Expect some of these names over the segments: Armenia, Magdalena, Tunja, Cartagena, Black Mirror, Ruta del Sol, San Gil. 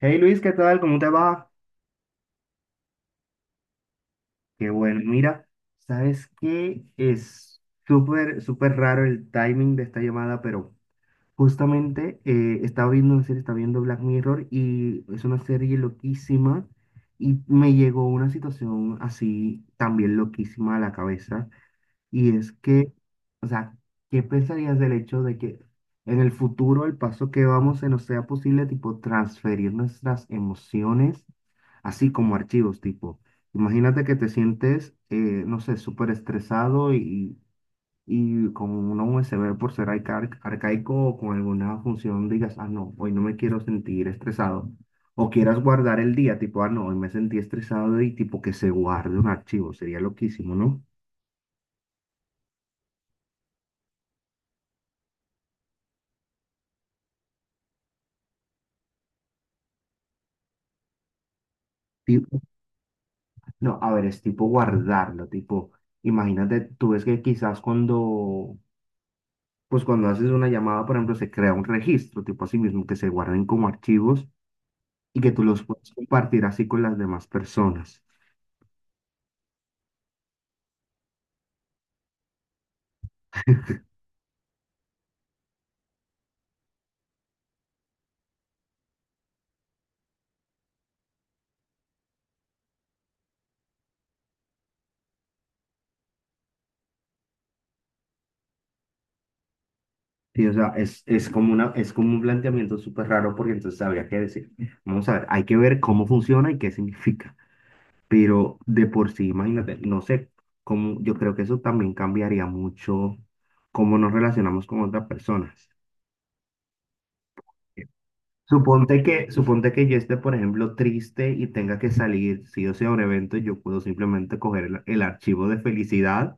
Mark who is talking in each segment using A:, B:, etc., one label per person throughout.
A: Hey Luis, ¿qué tal? ¿Cómo te va? Qué bueno, mira, ¿sabes qué? Es súper, súper raro el timing de esta llamada, pero justamente estaba viendo una serie, estaba viendo Black Mirror y es una serie loquísima y me llegó una situación así también loquísima a la cabeza. Y es que, o sea, ¿qué pensarías del hecho de que en el futuro el paso que vamos se nos sea posible, tipo, transferir nuestras emociones, así como archivos, tipo, imagínate que te sientes, no sé, súper estresado y con una USB por ser arcaico o con alguna función digas, ah, no, hoy no me quiero sentir estresado. O quieras guardar el día, tipo, ah, no, hoy me sentí estresado y tipo que se guarde un archivo, sería loquísimo, ¿no? No, a ver, es tipo guardarlo, tipo, imagínate, tú ves que quizás cuando, pues cuando haces una llamada, por ejemplo, se crea un registro, tipo así mismo, que se guarden como archivos y que tú los puedes compartir así con las demás personas. Sí, o sea, es como una, es como un planteamiento súper raro porque entonces habría que decir, vamos a ver, hay que ver cómo funciona y qué significa, pero de por sí, imagínate, no sé cómo, yo creo que eso también cambiaría mucho cómo nos relacionamos con otras personas. Suponte que yo esté, por ejemplo, triste y tenga que salir, si yo sea un evento, yo puedo simplemente coger el archivo de felicidad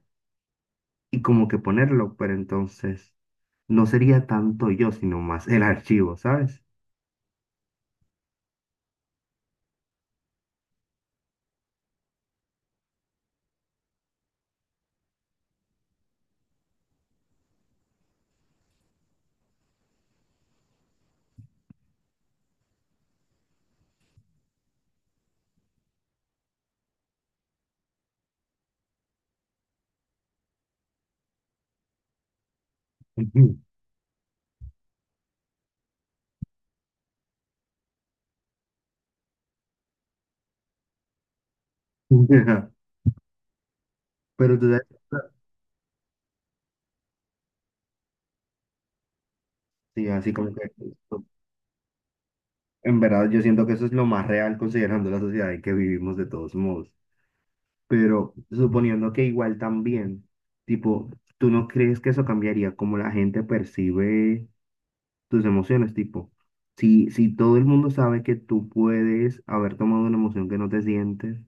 A: y como que ponerlo, pero entonces no sería tanto yo, sino más el archivo, ¿sabes? Ujú. Ajá. Pero tú sabes, sí, así como que en verdad yo siento que eso es lo más real considerando la sociedad en que vivimos de todos modos. Pero suponiendo que igual también, tipo, ¿tú no crees que eso cambiaría como la gente percibe tus emociones? Tipo, si, si todo el mundo sabe que tú puedes haber tomado una emoción que no te sientes,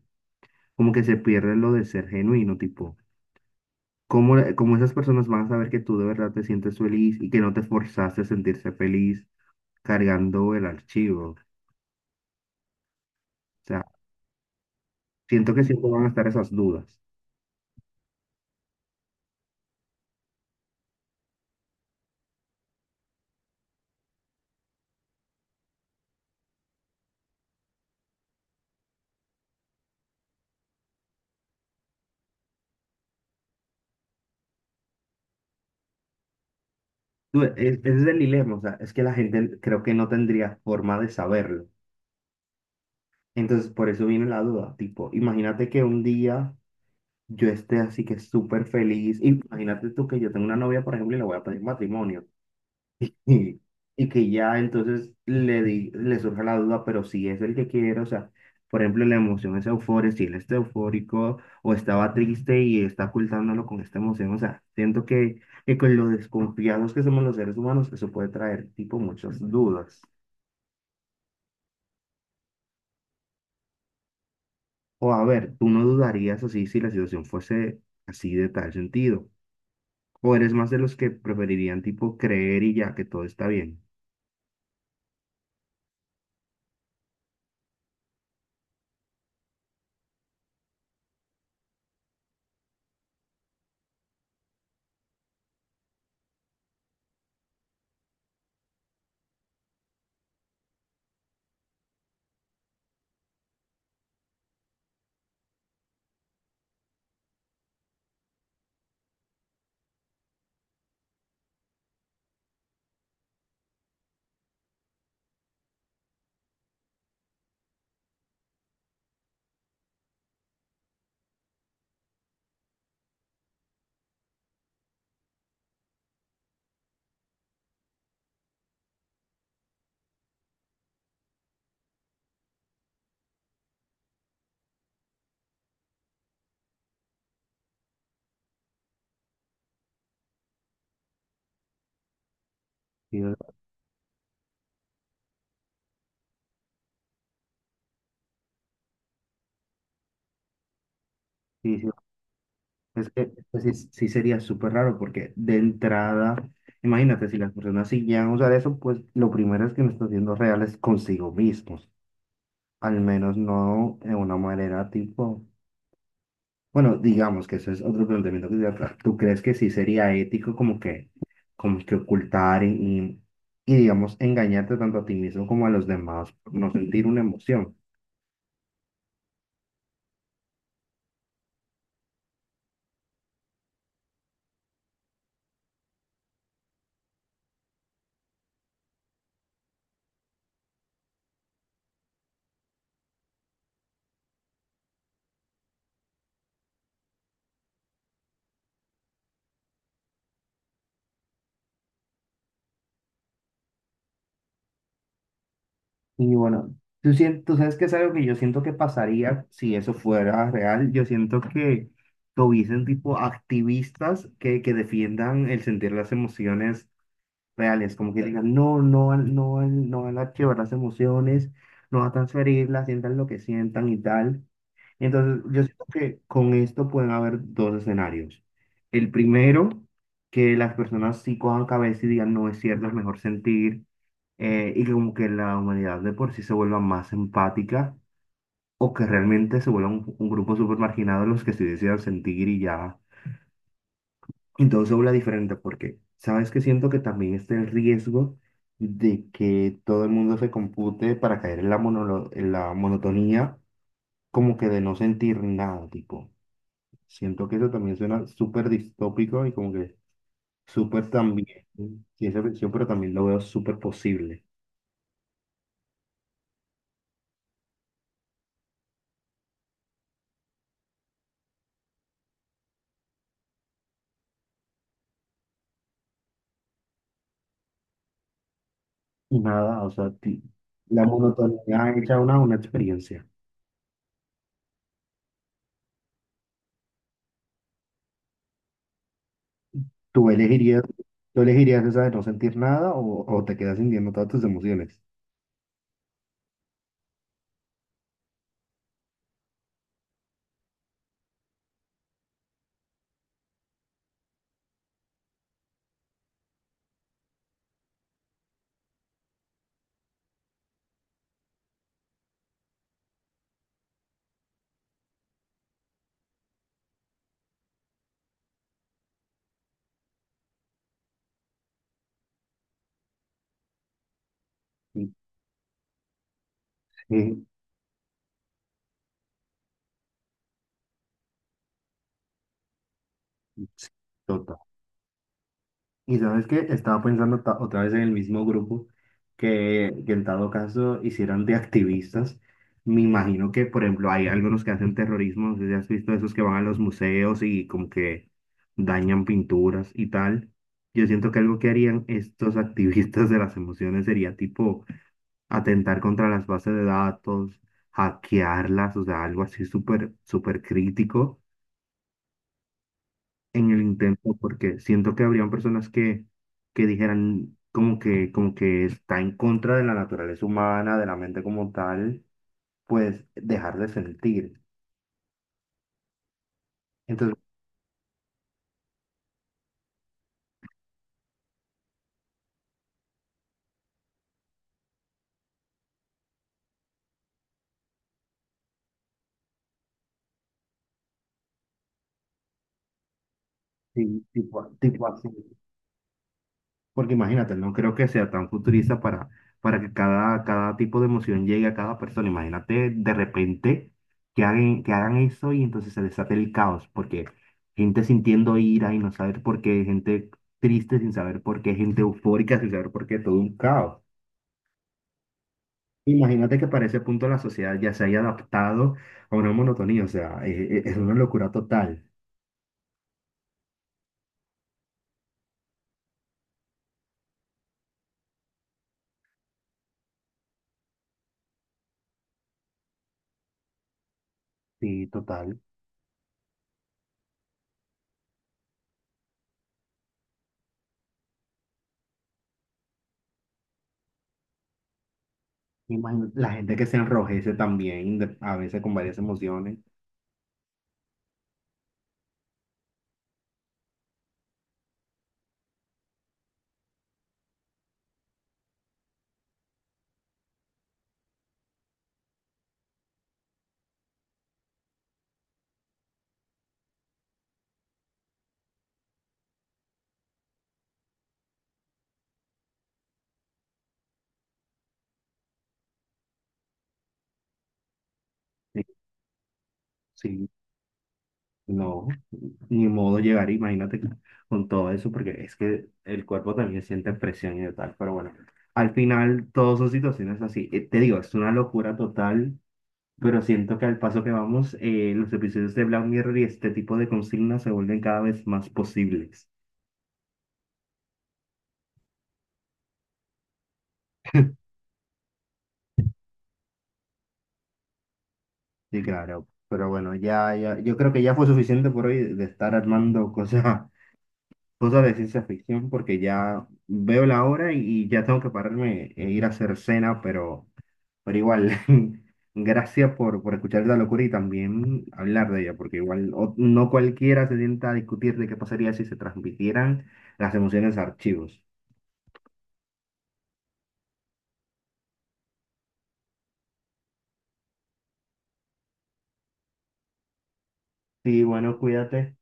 A: como que se pierde lo de ser genuino, tipo, ¿cómo, cómo esas personas van a saber que tú de verdad te sientes feliz y que no te forzaste a sentirse feliz cargando el archivo? O sea, siento que siempre van a estar esas dudas. Tú, ese es el dilema, o sea, es que la gente creo que no tendría forma de saberlo. Entonces, por eso viene la duda, tipo, imagínate que un día yo esté así que súper feliz. Y imagínate tú que yo tengo una novia, por ejemplo, y le voy a pedir matrimonio. Y, y que ya entonces le, di, le surge la duda, pero si es el que quiere, o sea, por ejemplo, la emoción es euforia, si él está eufórico o estaba triste y está ocultándolo con esta emoción, o sea, siento que con lo desconfiados que somos los seres humanos, eso puede traer tipo muchas dudas. O a ver, tú no dudarías así si la situación fuese así de tal sentido. ¿O eres más de los que preferirían tipo creer y ya que todo está bien? Sí, sí, sí. Es que es sí, sí sería súper raro porque de entrada, imagínate, si las personas siguieran a usar eso, pues lo primero es que no están siendo reales consigo mismos. Al menos no de una manera tipo, bueno, digamos que eso es otro planteamiento que se trata. ¿Tú crees que sí sería ético como que ocultar y, digamos engañarte tanto a ti mismo como a los demás por no sentir una emoción? Y bueno, tú, tú sabes que es algo que yo siento que pasaría si eso fuera real. Yo siento que hubiesen tipo activistas que defiendan el sentir las emociones reales, como que digan, no, no van, no van, no van a archivar las emociones, no van a transferirlas, sientan lo que sientan y tal. Entonces, yo siento que con esto pueden haber dos escenarios. El primero, que las personas sí cojan cabeza y digan, no es cierto, es mejor sentir, y que como que la humanidad de por sí se vuelva más empática, o que realmente se vuelva un grupo súper marginado los que sí decidan sentir y ya entonces se habla diferente porque, ¿sabes que Siento que también está el riesgo de que todo el mundo se compute para caer en la, en la monotonía, como que de no sentir nada, tipo. Siento que eso también suena súper distópico y como que súper también, ciencia ficción, pero también lo veo súper posible. Y nada, o sea, la monotonía hecha una experiencia. ¿Tú elegirías, tú elegirías esa de no sentir nada o, o te quedas sintiendo todas tus emociones? Sí. Sí, total. Y sabes que estaba pensando otra vez en el mismo grupo que en dado caso hicieran de activistas. Me imagino que, por ejemplo, hay algunos que hacen terrorismo, no sé si has visto esos que van a los museos y como que dañan pinturas y tal. Yo siento que algo que harían estos activistas de las emociones sería tipo atentar contra las bases de datos, hackearlas, o sea, algo así súper, súper crítico en el intento porque siento que habrían personas que dijeran como que está en contra de la naturaleza humana, de la mente como tal, pues dejar de sentir. Entonces, sí, tipo, tipo así. Porque imagínate, no creo que sea tan futurista para que cada, cada tipo de emoción llegue a cada persona. Imagínate de repente que hagan eso y entonces se desate el caos, porque gente sintiendo ira y no saber por qué, gente triste sin saber por qué, gente eufórica sin saber por qué, todo un caos. Imagínate que para ese punto la sociedad ya se haya adaptado a una monotonía, o sea, es, una locura total. Sí, total. Imagínate la gente que se enrojece también, a veces con varias emociones. Sí, sí. No, ni modo llegar, imagínate con todo eso, porque es que el cuerpo también siente presión y tal, pero bueno, al final todas son situaciones así. Te digo, es una locura total, pero siento que al paso que vamos, los episodios de Black Mirror y este tipo de consignas se vuelven cada vez más posibles. Sí, claro, pero bueno, ya, ya, yo creo que ya fue suficiente por hoy de estar armando cosas, cosas de ciencia ficción, porque ya veo la hora y ya tengo que pararme e ir a hacer cena, pero... Pero igual, gracias por escuchar esta locura y también hablar de ella, porque igual no cualquiera se sienta a discutir de qué pasaría si se transmitieran las emociones a archivos. Sí, bueno, cuídate.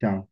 A: Chao.